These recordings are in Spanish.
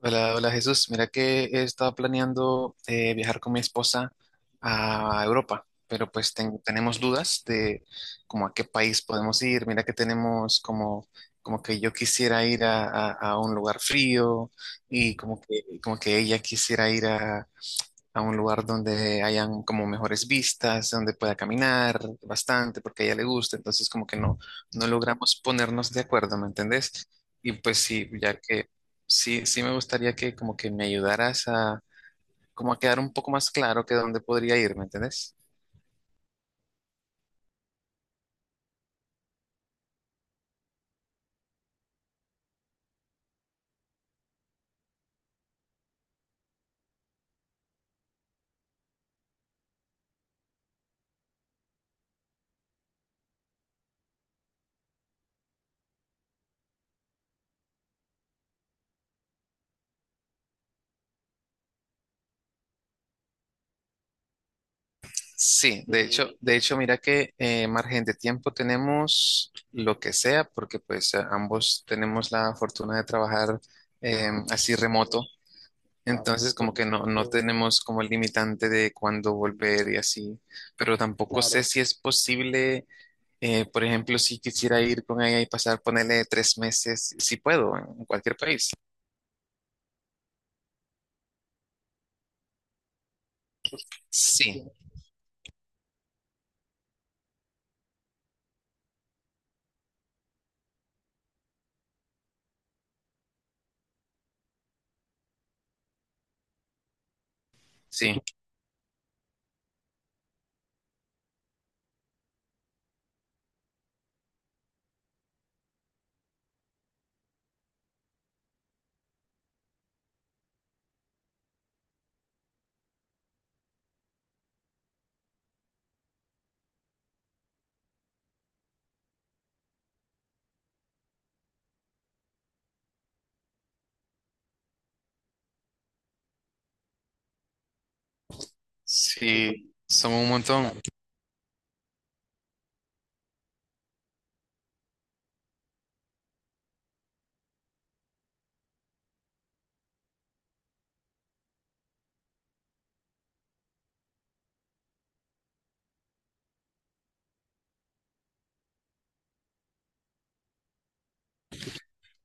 Hola, hola Jesús. Mira que he estado planeando viajar con mi esposa a Europa, pero pues tenemos dudas de como a qué país podemos ir. Mira que tenemos como, como que yo quisiera ir a un lugar frío y como que ella quisiera ir a un lugar donde hayan como mejores vistas, donde pueda caminar bastante porque a ella le gusta, entonces como que no, no logramos ponernos de acuerdo, ¿me entendés? Y pues sí, ya que sí me gustaría que como que me ayudaras a como a quedar un poco más claro que dónde podría ir, ¿me entendés? Sí, de hecho, mira que margen de tiempo tenemos lo que sea, porque pues ambos tenemos la fortuna de trabajar así remoto. Entonces, como que no, no tenemos como el limitante de cuándo volver y así, pero tampoco sé. Claro. Si es posible, por ejemplo, si quisiera ir con ella y pasar, ponerle 3 meses, si puedo, en cualquier país. Sí, sí, sí, somos un montón.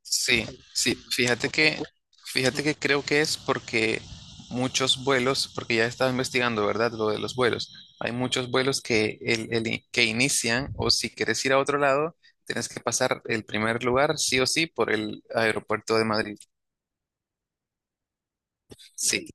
Sí, sí, fíjate que creo que es porque muchos vuelos, porque ya estaba investigando, ¿verdad? Lo de los vuelos. Hay muchos vuelos que, que inician, o si quieres ir a otro lado, tienes que pasar el primer lugar, sí o sí, por el aeropuerto de Madrid. Sí,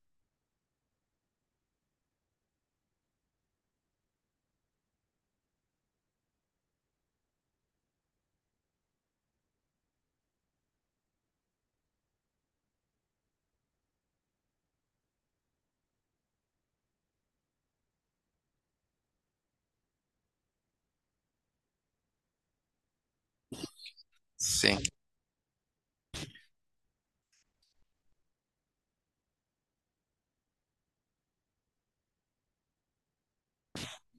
sí.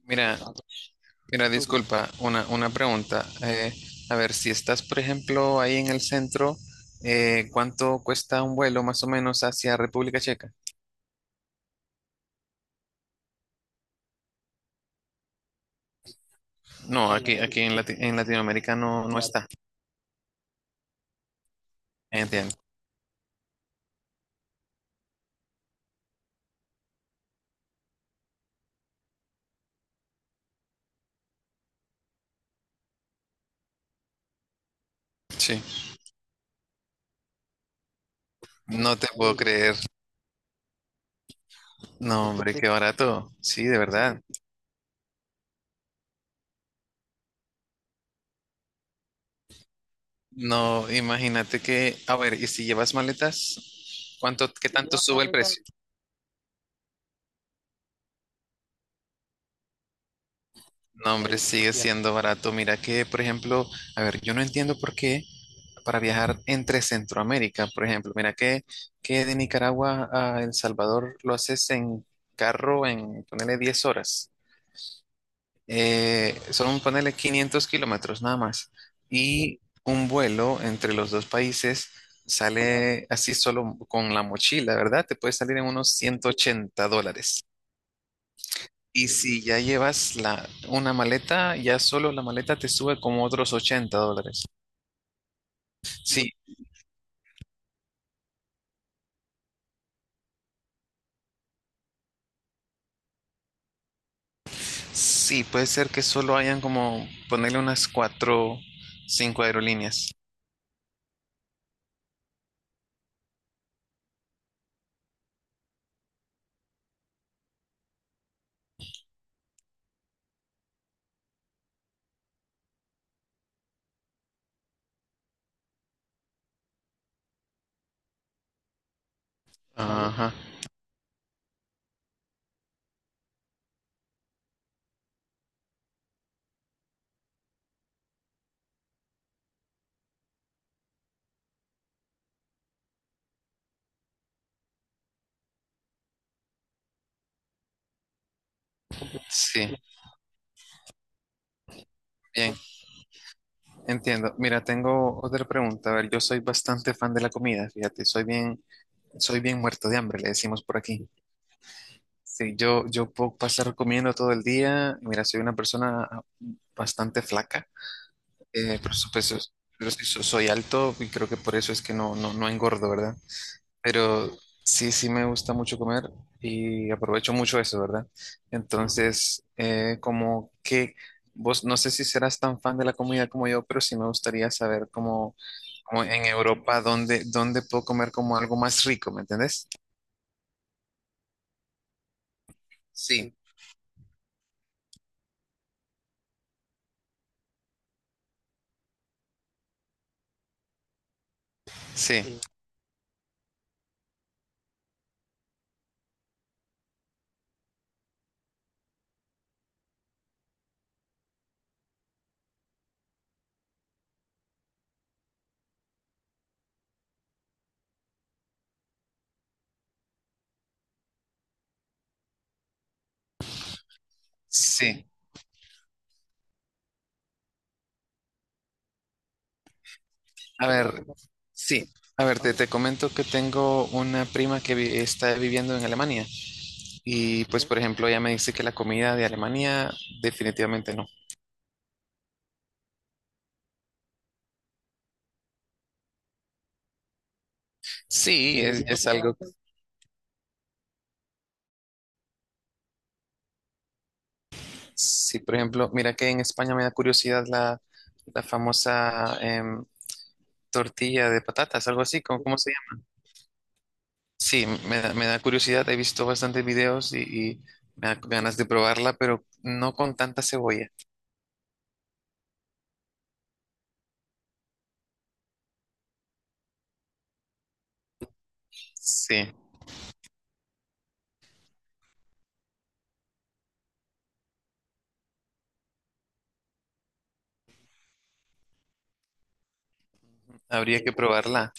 Mira, mira, disculpa, una pregunta. A ver, si estás, por ejemplo, ahí en el centro, ¿cuánto cuesta un vuelo más o menos hacia República Checa? No, aquí en, en Latinoamérica no, no está. Entiendo. Sí. No te puedo creer. No, hombre, qué barato. Sí, de verdad. No, imagínate que, a ver, ¿y si llevas maletas? ¿Cuánto, qué Si tanto llevas sube el maletas, precio? No, hombre, sigue ya. Siendo barato. Mira que, por ejemplo, a ver, yo no entiendo por qué para viajar entre Centroamérica, por ejemplo, mira que de Nicaragua a El Salvador lo haces en carro en, ponele 10 horas. Son, ponele 500 kilómetros nada más. Y un vuelo entre los dos países sale así solo con la mochila, ¿verdad? Te puede salir en unos $180. Y si ya llevas la, una maleta, ya solo la maleta te sube como otros $80. Sí, sí, puede ser que solo hayan como ponerle unas cuatro, cinco aerolíneas. Ajá, sí, bien. Entiendo. Mira, tengo otra pregunta. A ver, yo soy bastante fan de la comida, fíjate, soy bien muerto de hambre, le decimos por aquí. Sí, yo puedo pasar comiendo todo el día. Mira, soy una persona bastante flaca, por supuesto, pero sí soy alto y creo que por eso es que no, no, no engordo, ¿verdad? Pero sí, sí me gusta mucho comer y aprovecho mucho eso, ¿verdad? Entonces, como que vos, no sé si serás tan fan de la comida como yo, pero sí me gustaría saber cómo como en Europa, ¿dónde, dónde puedo comer como algo más rico? ¿Me entendés? Sí, sí, Sí. Sí. A ver, sí. A ver, te comento que tengo una prima que está viviendo en Alemania y pues, por ejemplo, ella me dice que la comida de Alemania definitivamente no. Sí, es algo, sí, por ejemplo, mira que en España me da curiosidad la, la famosa tortilla de patatas, algo así, ¿cómo, cómo se Sí, me da curiosidad, he visto bastantes videos y me da ganas de probarla, pero no con tanta cebolla. Sí, habría que probarla.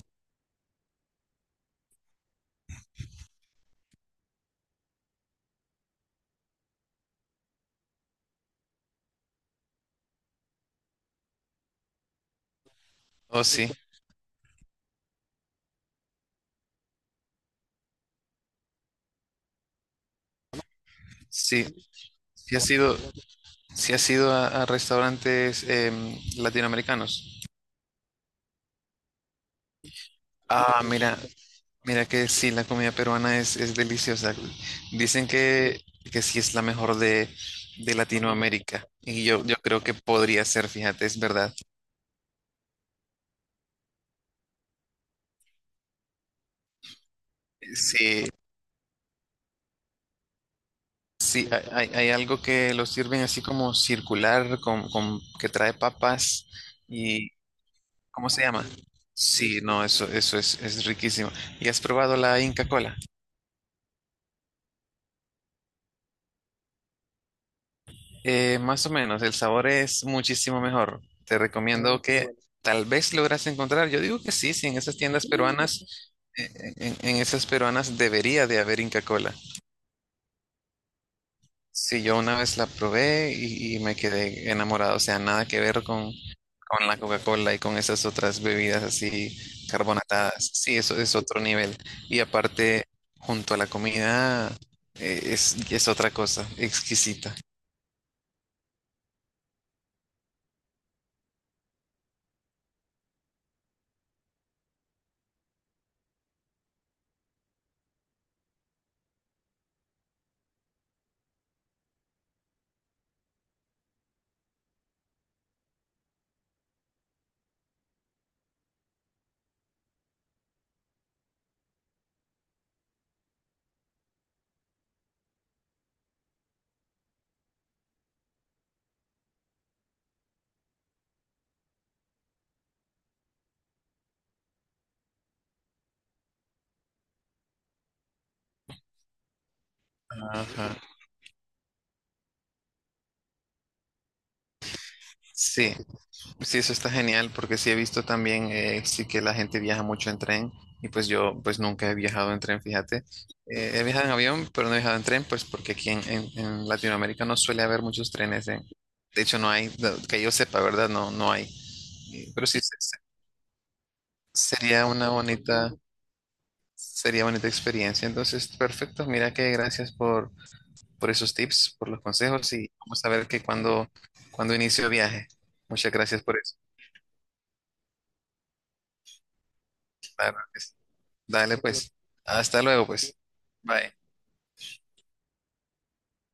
Oh, sí, sí sí has ido, sí has ido a restaurantes latinoamericanos. Ah, mira, mira que sí, la comida peruana es deliciosa. Dicen que sí es la mejor de Latinoamérica y yo creo que podría ser, fíjate, es verdad. Sí, Sí, hay, hay algo que lo sirven así como circular, con, que trae papas y ¿cómo se llama? Sí, no, eso es riquísimo. ¿Y has probado la Inca Cola? Más o menos, el sabor es muchísimo mejor. Te recomiendo. Mm, que tal vez logras encontrar. Yo digo que sí, sí, en esas tiendas peruanas, en esas peruanas debería de haber Inca Cola. Sí, yo una vez la probé y me quedé enamorado, o sea, nada que ver con la Coca-Cola y con esas otras bebidas así carbonatadas. Sí, eso es otro nivel. Y aparte, junto a la comida, es otra cosa, exquisita. Ajá. Sí, pues Sí, eso está genial porque sí he visto también, sí que la gente viaja mucho en tren y pues yo pues nunca he viajado en tren, fíjate. He viajado en avión, pero no he viajado en tren, pues porque aquí en, en Latinoamérica no suele haber muchos trenes. Eh. De hecho, no hay, no, que yo sepa, ¿verdad? No, no hay. Pero sí, sería una bonita, sería bonita experiencia. Entonces, perfecto. Mira que gracias por esos tips, por los consejos y vamos a ver que cuando, cuando inicio viaje. Muchas gracias por eso. Claro que sí. Dale pues. Hasta luego pues. Bye.